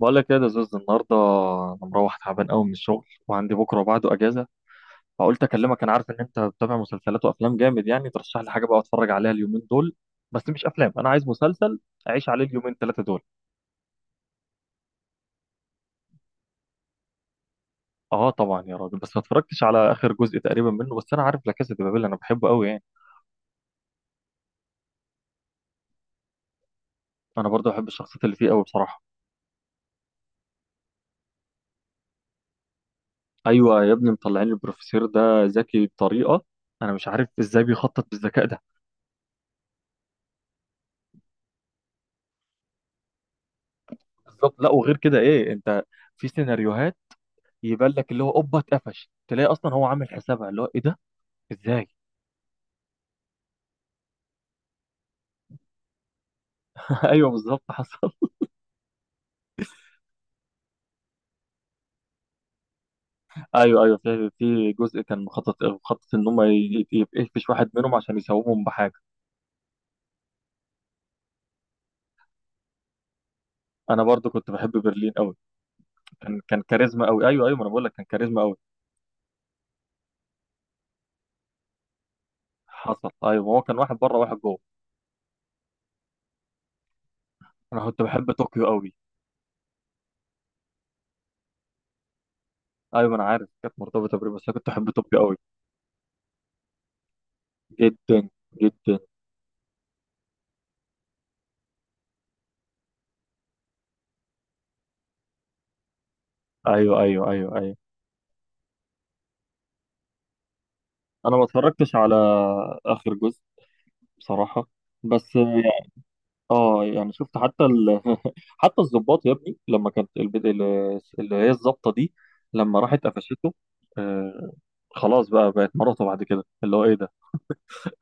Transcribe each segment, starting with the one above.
بقول لك ايه يا زوز، النهارده انا مروح تعبان قوي من الشغل، وعندي بكره وبعده اجازه. فقلت اكلمك. انا عارف ان انت بتتابع مسلسلات وافلام جامد، يعني ترشح لي حاجه بقى اتفرج عليها اليومين دول. بس مش افلام، انا عايز مسلسل اعيش عليه اليومين ثلاثه دول. اه طبعا يا راجل، بس ما اتفرجتش على اخر جزء تقريبا منه، بس انا عارف لا كاسا دي بابيل، انا بحبه قوي يعني. انا برضه بحب الشخصيات اللي فيه قوي بصراحه. ايوه يا ابني، مطلعين البروفيسور ده ذكي بطريقه. انا مش عارف ازاي بيخطط بالذكاء ده. بالظبط. لا وغير كده ايه انت، في سيناريوهات يبان لك اللي هو اوبا اتقفش، تلاقي اصلا هو عامل حسابها اللي هو ايه ده، ازاي؟ ايوه بالظبط حصل. ايوه ايوه، في جزء كان مخطط ان هم يقفش واحد منهم عشان يسومهم بحاجه. انا برضو كنت بحب برلين قوي. كان كاريزما قوي. ايوه ايوه، ما انا بقول لك كان كاريزما قوي. حصل، ايوه، هو كان واحد بره واحد جوه. انا كنت بحب طوكيو قوي. ايوه، ما انا عارف كانت مرتبطه بري، بس انا كنت بحب طوكيو قوي. جدا. جدا. ايوه ايوه ايوه ايوه. انا ما اتفرجتش على اخر جزء بصراحه، بس اه يعني شفت حتى حتى الضباط يا ابني، لما كانت اللي هي الضابطه دي، لما راحت قفشته. آه. خلاص بقى بقت مراته بعد كده اللي هو ايه ده.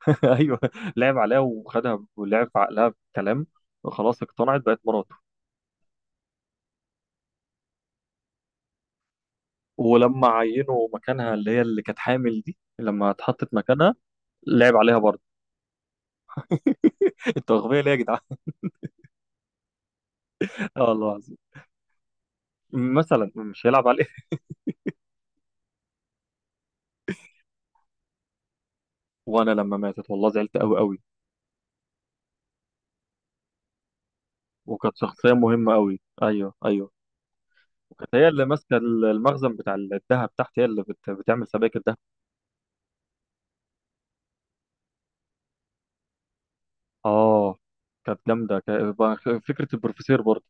ايوه. لعب عليها وخدها ولعب في عقلها بكلام، خلاص اقتنعت بقت مراته. ولما عينوا مكانها اللي هي اللي كانت حامل دي، لما اتحطت مكانها لعب عليها برضه. انتوا اغبياء ليه يا جدعان؟ اه والله العظيم، مثلا مش هيلعب عليه. وانا لما ماتت والله زعلت قوي قوي. وكانت شخصيه مهمه قوي، ايوه ايوه. وكانت هي اللي ماسكه المخزن بتاع الذهب تحت، هي اللي بتعمل سبائك الذهب. اه. كانت جامده فكره البروفيسور برضه.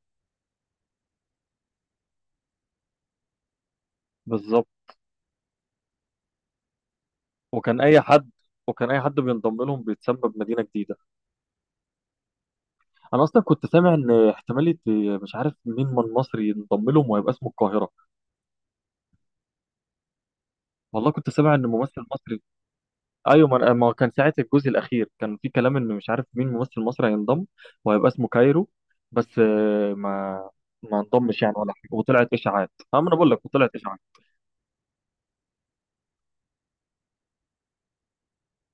بالظبط. وكان اي حد، وكان اي حد بينضم لهم بيتسبب مدينه جديده. انا اصلا كنت سامع ان احتماليه، مش عارف مين من مصري ينضم لهم وهيبقى اسمه القاهره. والله كنت سامع ان ممثل مصري. ايوه، ما كان ساعه الجزء الاخير كان في كلام ان مش عارف مين ممثل مصري هينضم وهيبقى اسمه كايرو. بس ما ما انضمش يعني ولا حاجه، وطلعت اشاعات. ما انا بقول لك وطلعت اشاعات.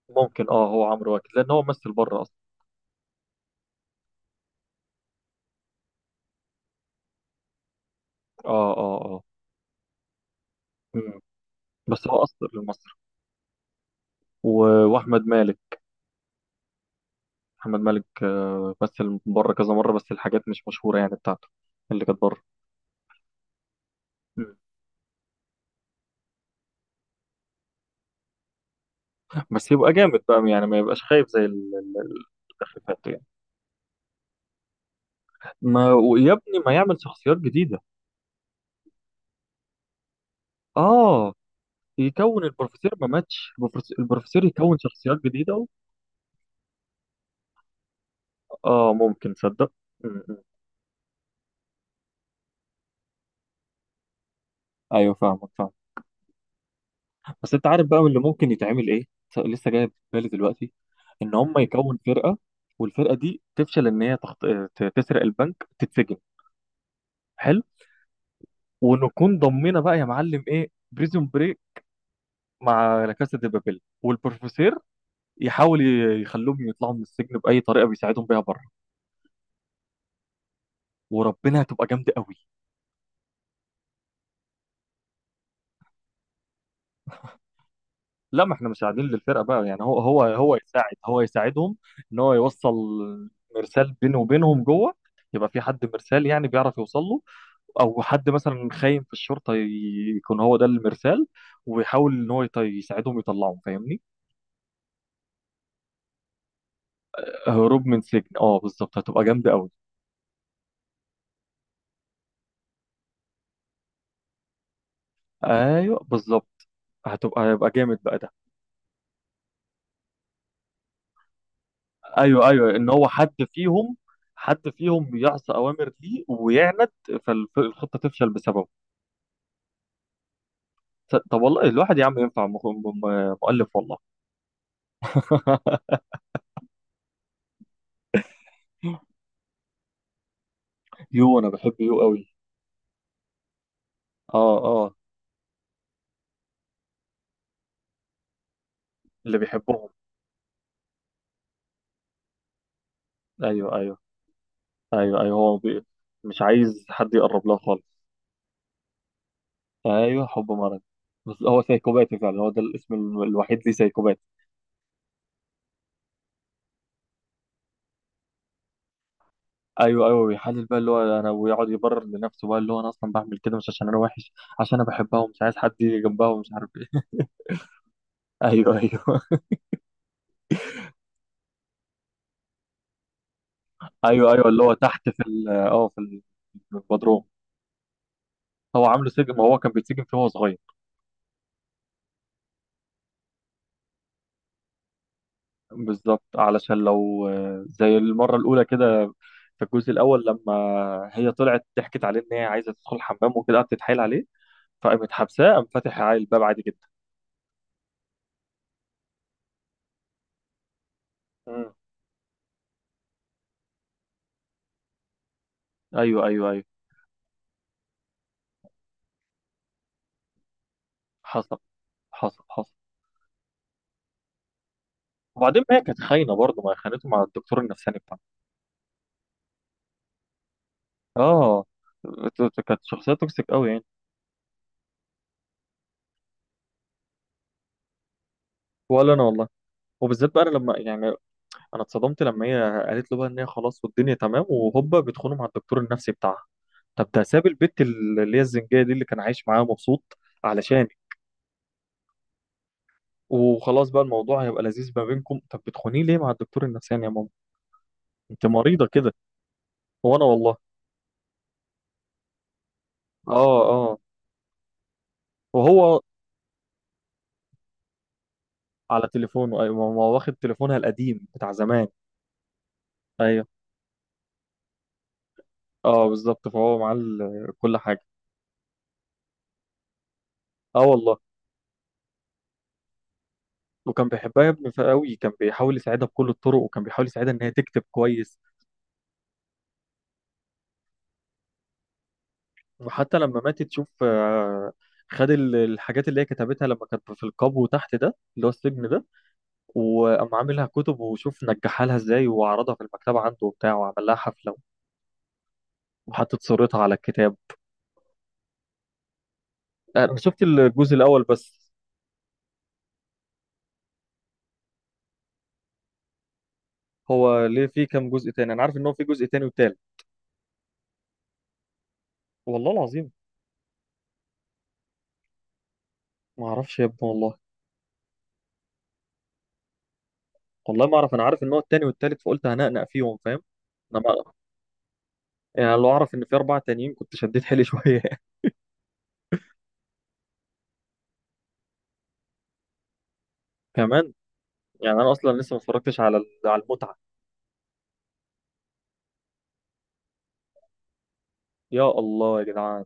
ممكن، اه هو عمرو واكد لان هو ممثل بره اصلا. اه اه اه. مم. بس هو اصلا لمصر. و... واحمد مالك. احمد مالك مثل بره كذا مره، بس الحاجات مش مشهوره يعني بتاعته اللي كانت بره. مم. بس يبقى جامد بقى، يعني ما يبقاش خايف زي اللي فات يعني. ما ويا ابني ما يعمل شخصيات جديده. اه، يكون البروفيسور ما ماتش، البروفيسور يكون شخصيات جديده. اه ممكن، تصدق. مم. ايوه فاهمك. بس انت عارف بقى من اللي ممكن يتعمل ايه، لسه جاي في بالي دلوقتي، ان هم يكون فرقه، والفرقه دي تفشل ان هي تسرق البنك، تتسجن. حلو. ونكون ضمينا بقى يا معلم ايه، بريزون بريك مع لا كاسا دي بابيل، والبروفيسور يحاول يخلوهم يطلعوا من السجن باي طريقه بيساعدهم بيها بره. وربنا هتبقى جامده قوي. لا ما احنا مش قاعدين للفرقه بقى، يعني هو يساعد، هو يساعدهم ان هو يوصل مرسال بينه وبينهم جوه، يبقى في حد مرسال يعني بيعرف يوصل له، او حد مثلا خاين في الشرطه يكون هو ده المرسال، ويحاول ان هو يساعدهم يطلعهم فاهمني. هروب من سجن، اه بالظبط هتبقى جامده قوي. ايوه بالظبط. هيبقى جامد بقى ده. ايوه ايوه، ان هو حد فيهم، حد فيهم يعصى اوامر ليه ويعند، فالخطه تفشل بسببه. طب والله الواحد يا عم ينفع مؤلف والله. يو، انا بحب يو قوي. اه اه. اللي بيحبهم. ايوه ايوه ايوه ايوه. هو مش عايز حد يقرب له خالص. ايوه حب مرض. بس هو سايكوباتي فعلا، هو ده الاسم الوحيد ليه، سايكوباتي. ايوه ايوه بيحلل بقى اللي هو انا، ويقعد يبرر لنفسه بقى اللي هو انا اصلا بعمل كده مش عشان انا وحش، عشان انا بحبها ومش عايز حد يجي جنبها ومش عارف ايه. ايوه ايوه ايوه ايوه. اللي هو تحت في في البدروم. هو عامله سجن، ما هو كان بيتسجن فيه وهو صغير. بالظبط، علشان لو زي المرة الأولى كده، في الجزء الأول لما هي طلعت ضحكت عليه إن هي عايزة تدخل الحمام وكده، قعدت تتحايل عليه فقامت حبساه، قام فاتح عليه الباب عادي جدا. مم. أيوه أيوه أيوه. حصل. حصل حصل. وبعدين ما هي كانت خاينة برضه، ما هي خانته مع الدكتور النفساني بتاعها. آه. كانت شخصية توكسيك قوي يعني. ولا أنا والله. وبالذات بقى أنا لما يعني، انا اتصدمت لما هي قالت له بقى ان هي خلاص والدنيا تمام، وهوبا بتخونه مع الدكتور النفسي بتاعها. طب ده ساب البت اللي هي الزنجيه دي اللي كان عايش معاها مبسوط علشان، وخلاص بقى الموضوع هيبقى لذيذ ما بينكم، طب بتخونيه ليه مع الدكتور النفساني يا ماما؟ انت مريضه كده. هو انا والله. اه اه. وهو. على تليفونه، ايوه، ما هو واخد تليفونها القديم بتاع زمان. ايوه. اه بالظبط، فهو معاه كل حاجه. اه والله. وكان بيحبها يا ابني قوي، كان بيحاول يساعدها بكل الطرق، وكان بيحاول يساعدها ان هي تكتب كويس. وحتى لما ماتت تشوف، خد الحاجات اللي هي كتبتها لما كانت في القبو تحت، ده اللي هو السجن ده. وقام عاملها كتب، وشوف نجحها لها ازاي، وعرضها في المكتبة عنده وبتاع، وعمل لها حفلة. وحطت صورتها على الكتاب. انا شفت الجزء الاول بس. هو ليه في كام جزء تاني؟ انا عارف ان هو في جزء تاني وتالت. والله العظيم. ما اعرفش يا ابني والله. والله ما اعرف، انا عارف ان هو التاني والتالت فقلت هنقنق فيهم فاهم. انا ما يعني، لو اعرف ان في اربعة تانيين كنت شديت حيلي شوية. كمان، يعني انا اصلا لسه ما اتفرجتش على على المتعة. يا الله يا جدعان.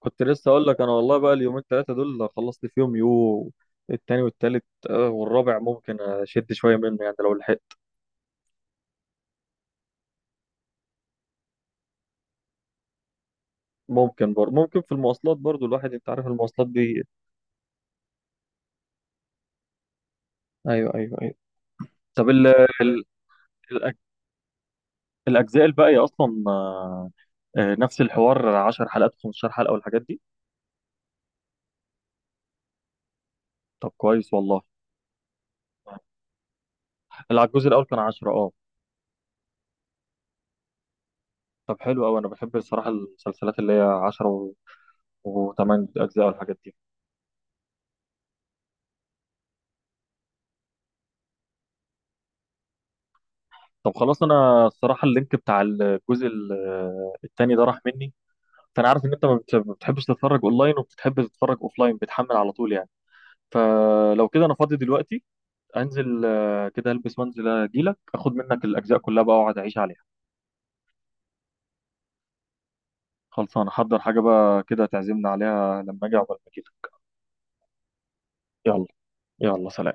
كنت لسه اقول لك انا والله بقى اليومين ثلاثه دول خلصت فيهم يو، التاني والتالت، والرابع ممكن اشد شويه منه يعني لو لحقت. ممكن برضه، ممكن في المواصلات برضه الواحد، انت عارف المواصلات دي. ايوه ايوه ايوه. طب ال... الأج- الاجزاء الباقيه اصلا نفس الحوار 10 حلقات 15 حلقه والحاجات دي. طب كويس والله. الجزء الاول كان 10، اه. طب حلو قوي، انا بحب الصراحه المسلسلات اللي هي 10 و8 اجزاء والحاجات دي. طب خلاص، انا الصراحه اللينك بتاع الجزء التاني ده راح مني. فانا عارف ان انت ما بتحبش تتفرج اونلاين، وبتحب تتفرج اوفلاين بتحمل على طول يعني. فلو كده انا فاضي دلوقتي، انزل كده البس وانزل اجيلك اخد منك الاجزاء كلها بقى واقعد اعيش عليها. خلصان احضر حاجه بقى كده تعزمنا عليها لما اجي، عقبال ما كده. يلا. يلا سلام.